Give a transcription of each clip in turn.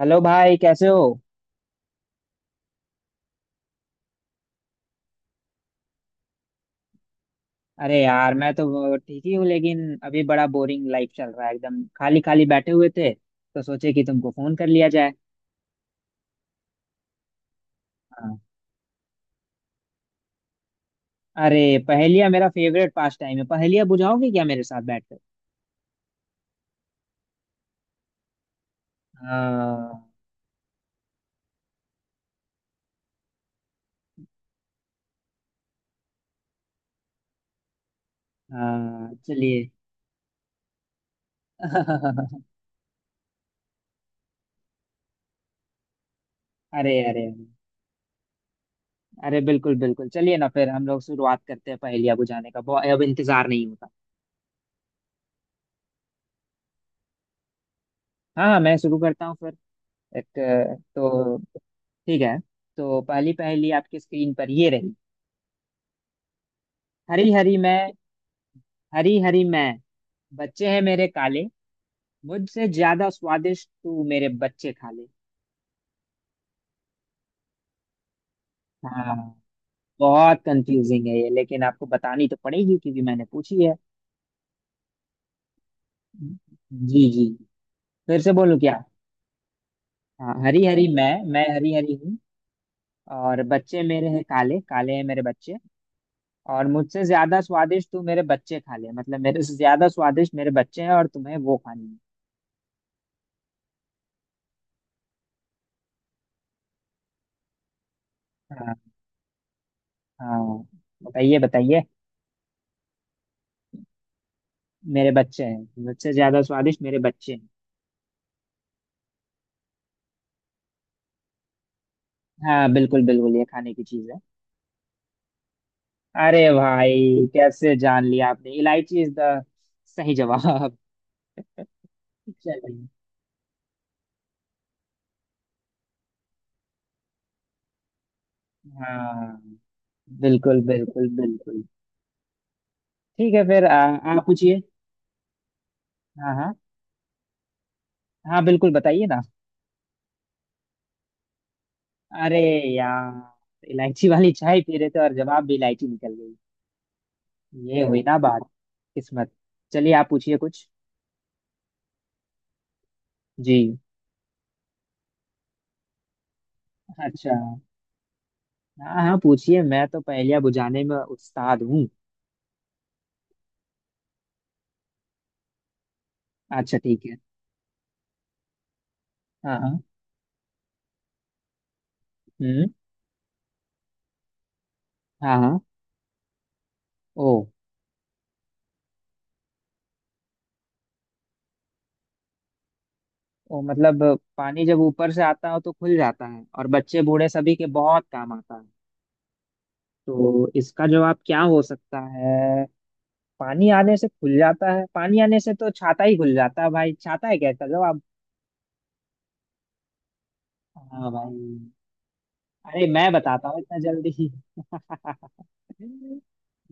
Hello भाई, कैसे हो। अरे यार, मैं तो ठीक ही हूँ, लेकिन अभी बड़ा बोरिंग लाइफ चल रहा है। एकदम खाली खाली बैठे हुए थे, तो सोचे कि तुमको फोन कर लिया जाए। हाँ। अरे, पहेलियाँ मेरा फेवरेट पास टाइम है। पहेलियाँ बुझाओगे क्या मेरे साथ बैठकर। हाँ हाँ चलिए। अरे अरे अरे बिल्कुल बिल्कुल, चलिए ना, फिर हम लोग शुरुआत करते हैं पहेलियाँ बुझाने का, बहुत अब इंतजार नहीं होता। हाँ हाँ, मैं शुरू करता हूँ फिर। एक, तो ठीक है। तो पहली पहेली आपकी स्क्रीन पर ये रही। हरी हरी मैं, हरी हरी मैं, बच्चे हैं मेरे काले, मुझसे ज्यादा स्वादिष्ट तू मेरे बच्चे खा ले। हाँ, बहुत कंफ्यूजिंग है ये, लेकिन आपको बतानी तो पड़ेगी क्योंकि मैंने पूछी है। जी जी, फिर से बोलूं क्या। हाँ, हरी हरी मैं। मैं हरी हरी हूँ, और बच्चे मेरे हैं काले, काले हैं मेरे बच्चे। और मुझसे ज्यादा स्वादिष्ट तू मेरे बच्चे खा ले। मतलब मेरे से ज्यादा स्वादिष्ट मेरे बच्चे हैं, और तुम्हें वो खानी है। हाँ हाँ, बताइए बताइए। मेरे बच्चे हैं, मुझसे ज्यादा स्वादिष्ट मेरे बच्चे हैं। हाँ, बिल्कुल बिल्कुल, ये खाने की चीज है। अरे भाई, कैसे जान लिया आपने। इलायची इज द सही जवाब। चलिए। हाँ, बिल्कुल बिल्कुल बिल्कुल। ठीक है फिर। आप पूछिए। हाँ हाँ हाँ बिल्कुल, बताइए ना। अरे यार, इलायची वाली चाय पी रहे थे और जवाब भी इलायची निकल गई। ये हुई ना बात, किस्मत। चलिए, आप पूछिए कुछ। जी। अच्छा, हाँ हाँ पूछिए, मैं तो पहेलियां बुझाने में उस्ताद हूँ। अच्छा ठीक है। हाँ हाँ। हम्म। हाँ। ओ। ओ मतलब, पानी जब ऊपर से आता हो तो खुल जाता है, और बच्चे बूढ़े सभी के बहुत काम आता है। तो इसका जवाब क्या हो सकता है। पानी आने से खुल जाता है, पानी आने से तो छाता ही खुल जाता है भाई। छाता है क्या इसका जवाब। हाँ भाई। अरे, मैं बताता हूँ इतना जल्दी।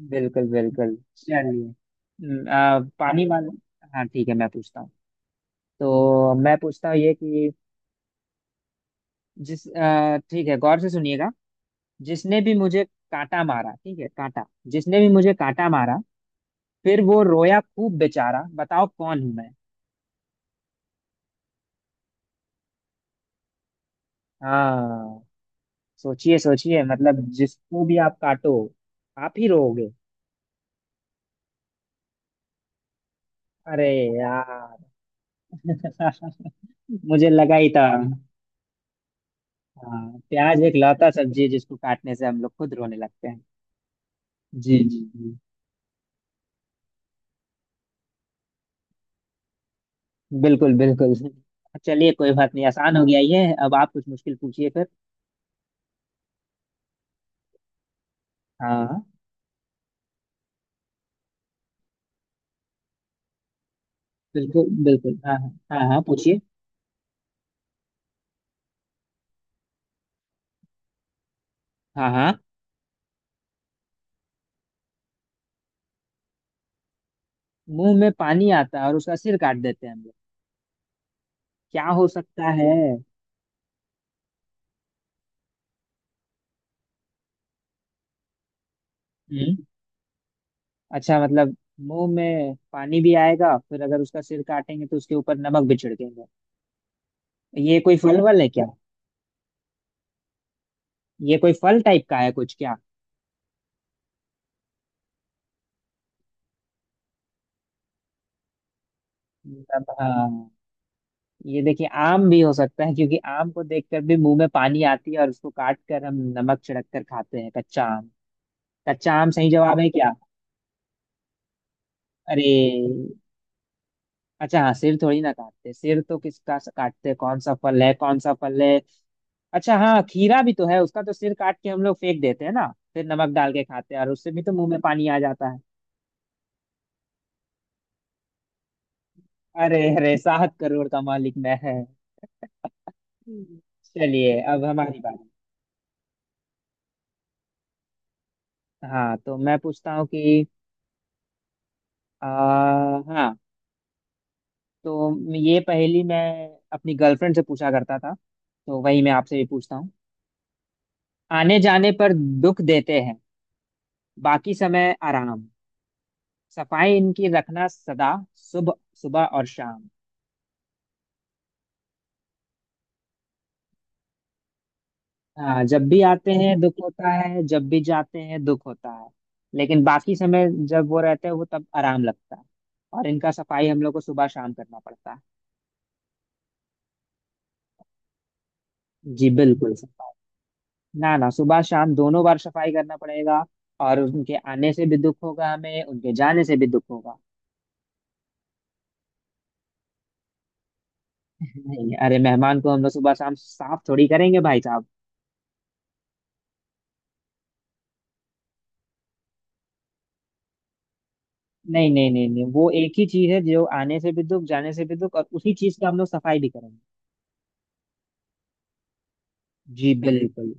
बिल्कुल बिल्कुल, चलिए। पानी वाला, हाँ ठीक है, मैं पूछता हूँ। तो मैं पूछता हूँ ये कि, ठीक है, गौर से सुनिएगा। जिसने भी मुझे कांटा मारा, ठीक है, कांटा। जिसने भी मुझे कांटा मारा, फिर वो रोया खूब बेचारा, बताओ कौन हूं मैं। हाँ, सोचिए सोचिए, मतलब जिसको भी आप काटो, आप ही रोओगे। अरे यार, मुझे लगा ही था। हाँ, प्याज एक लौता सब्जी है जिसको काटने से हम लोग खुद रोने लगते हैं। जी जी जी बिल्कुल बिल्कुल। चलिए कोई बात नहीं, आसान हो गया ये। अब आप कुछ मुश्किल पूछिए फिर। हाँ बिल्कुल बिल्कुल, हाँ हाँ हाँ हाँ पूछिए। हाँ हाँ। मुंह में पानी आता है और उसका सिर काट देते हैं हम लोग। क्या हो सकता है। हम्म, अच्छा मतलब, मुंह में पानी भी आएगा, फिर अगर उसका सिर काटेंगे तो उसके ऊपर नमक भी छिड़केंगे। ये कोई फल वल है क्या। ये कोई फल टाइप का है कुछ क्या। मतलब, हाँ, ये देखिए आम भी हो सकता है, क्योंकि आम को देखकर भी मुंह में पानी आती है और उसको काट कर हम नमक छिड़क कर खाते हैं, कच्चा आम। कच्चा आम सही जवाब है क्या। अरे, अच्छा हाँ, सिर थोड़ी ना काटते। सिर तो किसका काटते हैं? कौन सा फल है, कौन सा फल है। अच्छा हाँ, खीरा भी तो है, उसका तो सिर काट के हम लोग फेंक देते हैं ना, फिर नमक डाल के खाते हैं, और उससे भी तो मुंह में पानी आ जाता है। अरे अरे, सात करोड़ का मालिक मैं है। चलिए अब हमारी बारी। हाँ, तो मैं पूछता हूँ कि, आ, हाँ, तो ये पहेली मैं अपनी गर्लफ्रेंड से पूछा करता था, तो वही मैं आपसे भी पूछता हूँ। आने जाने पर दुख देते हैं, बाकी समय आराम, सफाई इनकी रखना सदा सुबह, सुबह और शाम। हाँ, जब भी आते हैं दुख होता है, जब भी जाते हैं दुख होता है। लेकिन बाकी समय जब वो रहते हैं, वो तब आराम लगता है। और इनका सफाई हम लोग को सुबह शाम करना पड़ता है। जी बिल्कुल। ना ना, सुबह शाम दोनों बार सफाई करना पड़ेगा। और उनके आने से भी दुख होगा हमें, उनके जाने से भी दुख होगा। नहीं, अरे मेहमान को हम लोग सुबह शाम साफ थोड़ी करेंगे भाई साहब। नहीं नहीं नहीं नहीं, वो एक ही चीज है जो आने से भी दुख, जाने से भी दुख, और उसी चीज का हम लोग सफाई भी करेंगे। जी बिल्कुल।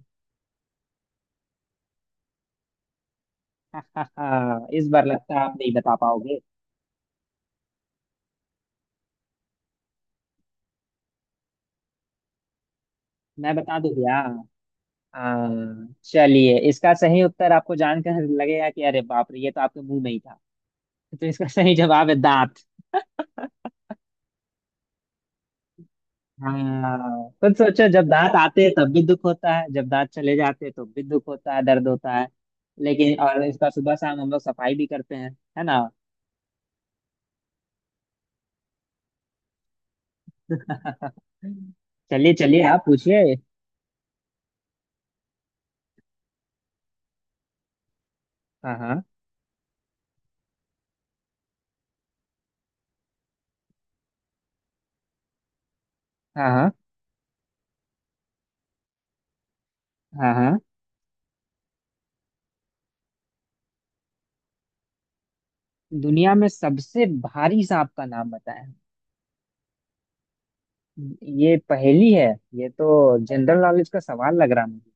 इस बार लगता है आप नहीं बता पाओगे। मैं बता दूं भैया। हाँ चलिए, इसका सही उत्तर आपको जानकर लगेगा कि अरे बाप रे, ये तो आपके मुंह में ही था। तो इसका सही जवाब है दांत। हाँ, तो सोचो, जब दांत आते हैं तब भी दुख होता है, जब दांत चले जाते हैं तो भी दुख होता है, दर्द होता है। लेकिन और इसका सुबह शाम हम लोग सफाई भी करते हैं, है ना। चलिए चलिए, आप पूछिए। हाँ हाँ हाँ हाँ हाँ हाँ। दुनिया में सबसे भारी सांप का नाम बताएं। ये पहेली है? ये तो जनरल नॉलेज का सवाल लग रहा मुझे।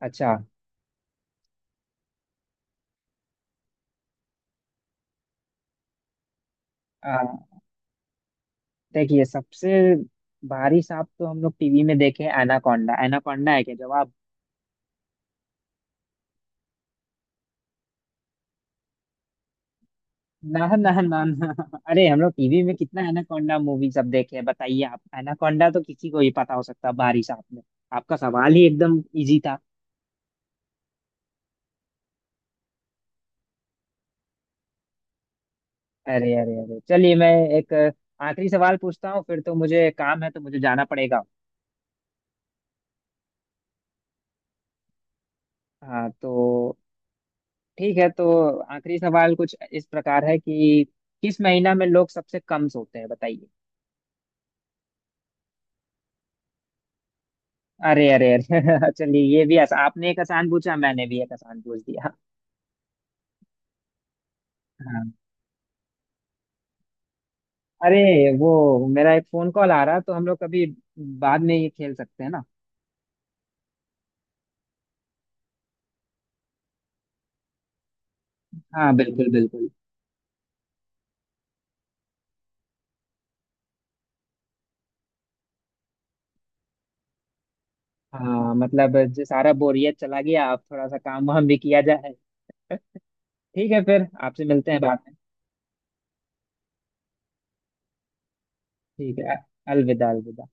अच्छा, आ, देखिए, सबसे भारी सांप तो हम लोग टीवी में देखे, एनाकोंडा। एनाकोंडा है क्या जवाब। ना ना ना ना, अरे हम लोग टीवी में कितना एनाकोंडा मूवी सब देखे हैं, बताइए आप। एनाकोंडा तो किसी को ही पता हो सकता है। बारिश आपने, आपका सवाल ही एकदम इजी था। अरे अरे अरे चलिए, मैं एक आखिरी सवाल पूछता हूँ, फिर तो मुझे काम है, तो मुझे जाना पड़ेगा। हाँ, तो ठीक है। तो आखिरी सवाल कुछ इस प्रकार है कि, किस महीना में लोग सबसे कम सोते हैं बताइए। अरे अरे अरे चलिए, ये भी आसान, आपने एक आसान पूछा, मैंने भी एक आसान पूछ दिया। हाँ। अरे, वो मेरा एक फोन कॉल आ रहा, तो हम लोग कभी बाद में ये खेल सकते हैं ना। हाँ, बिल्कुल बिल्कुल। हाँ, मतलब जो सारा बोरियत चला गया, अब थोड़ा सा काम वाम भी किया जाए। ठीक है, फिर आपसे मिलते हैं बाद में। ठीक है, अलविदा अलविदा।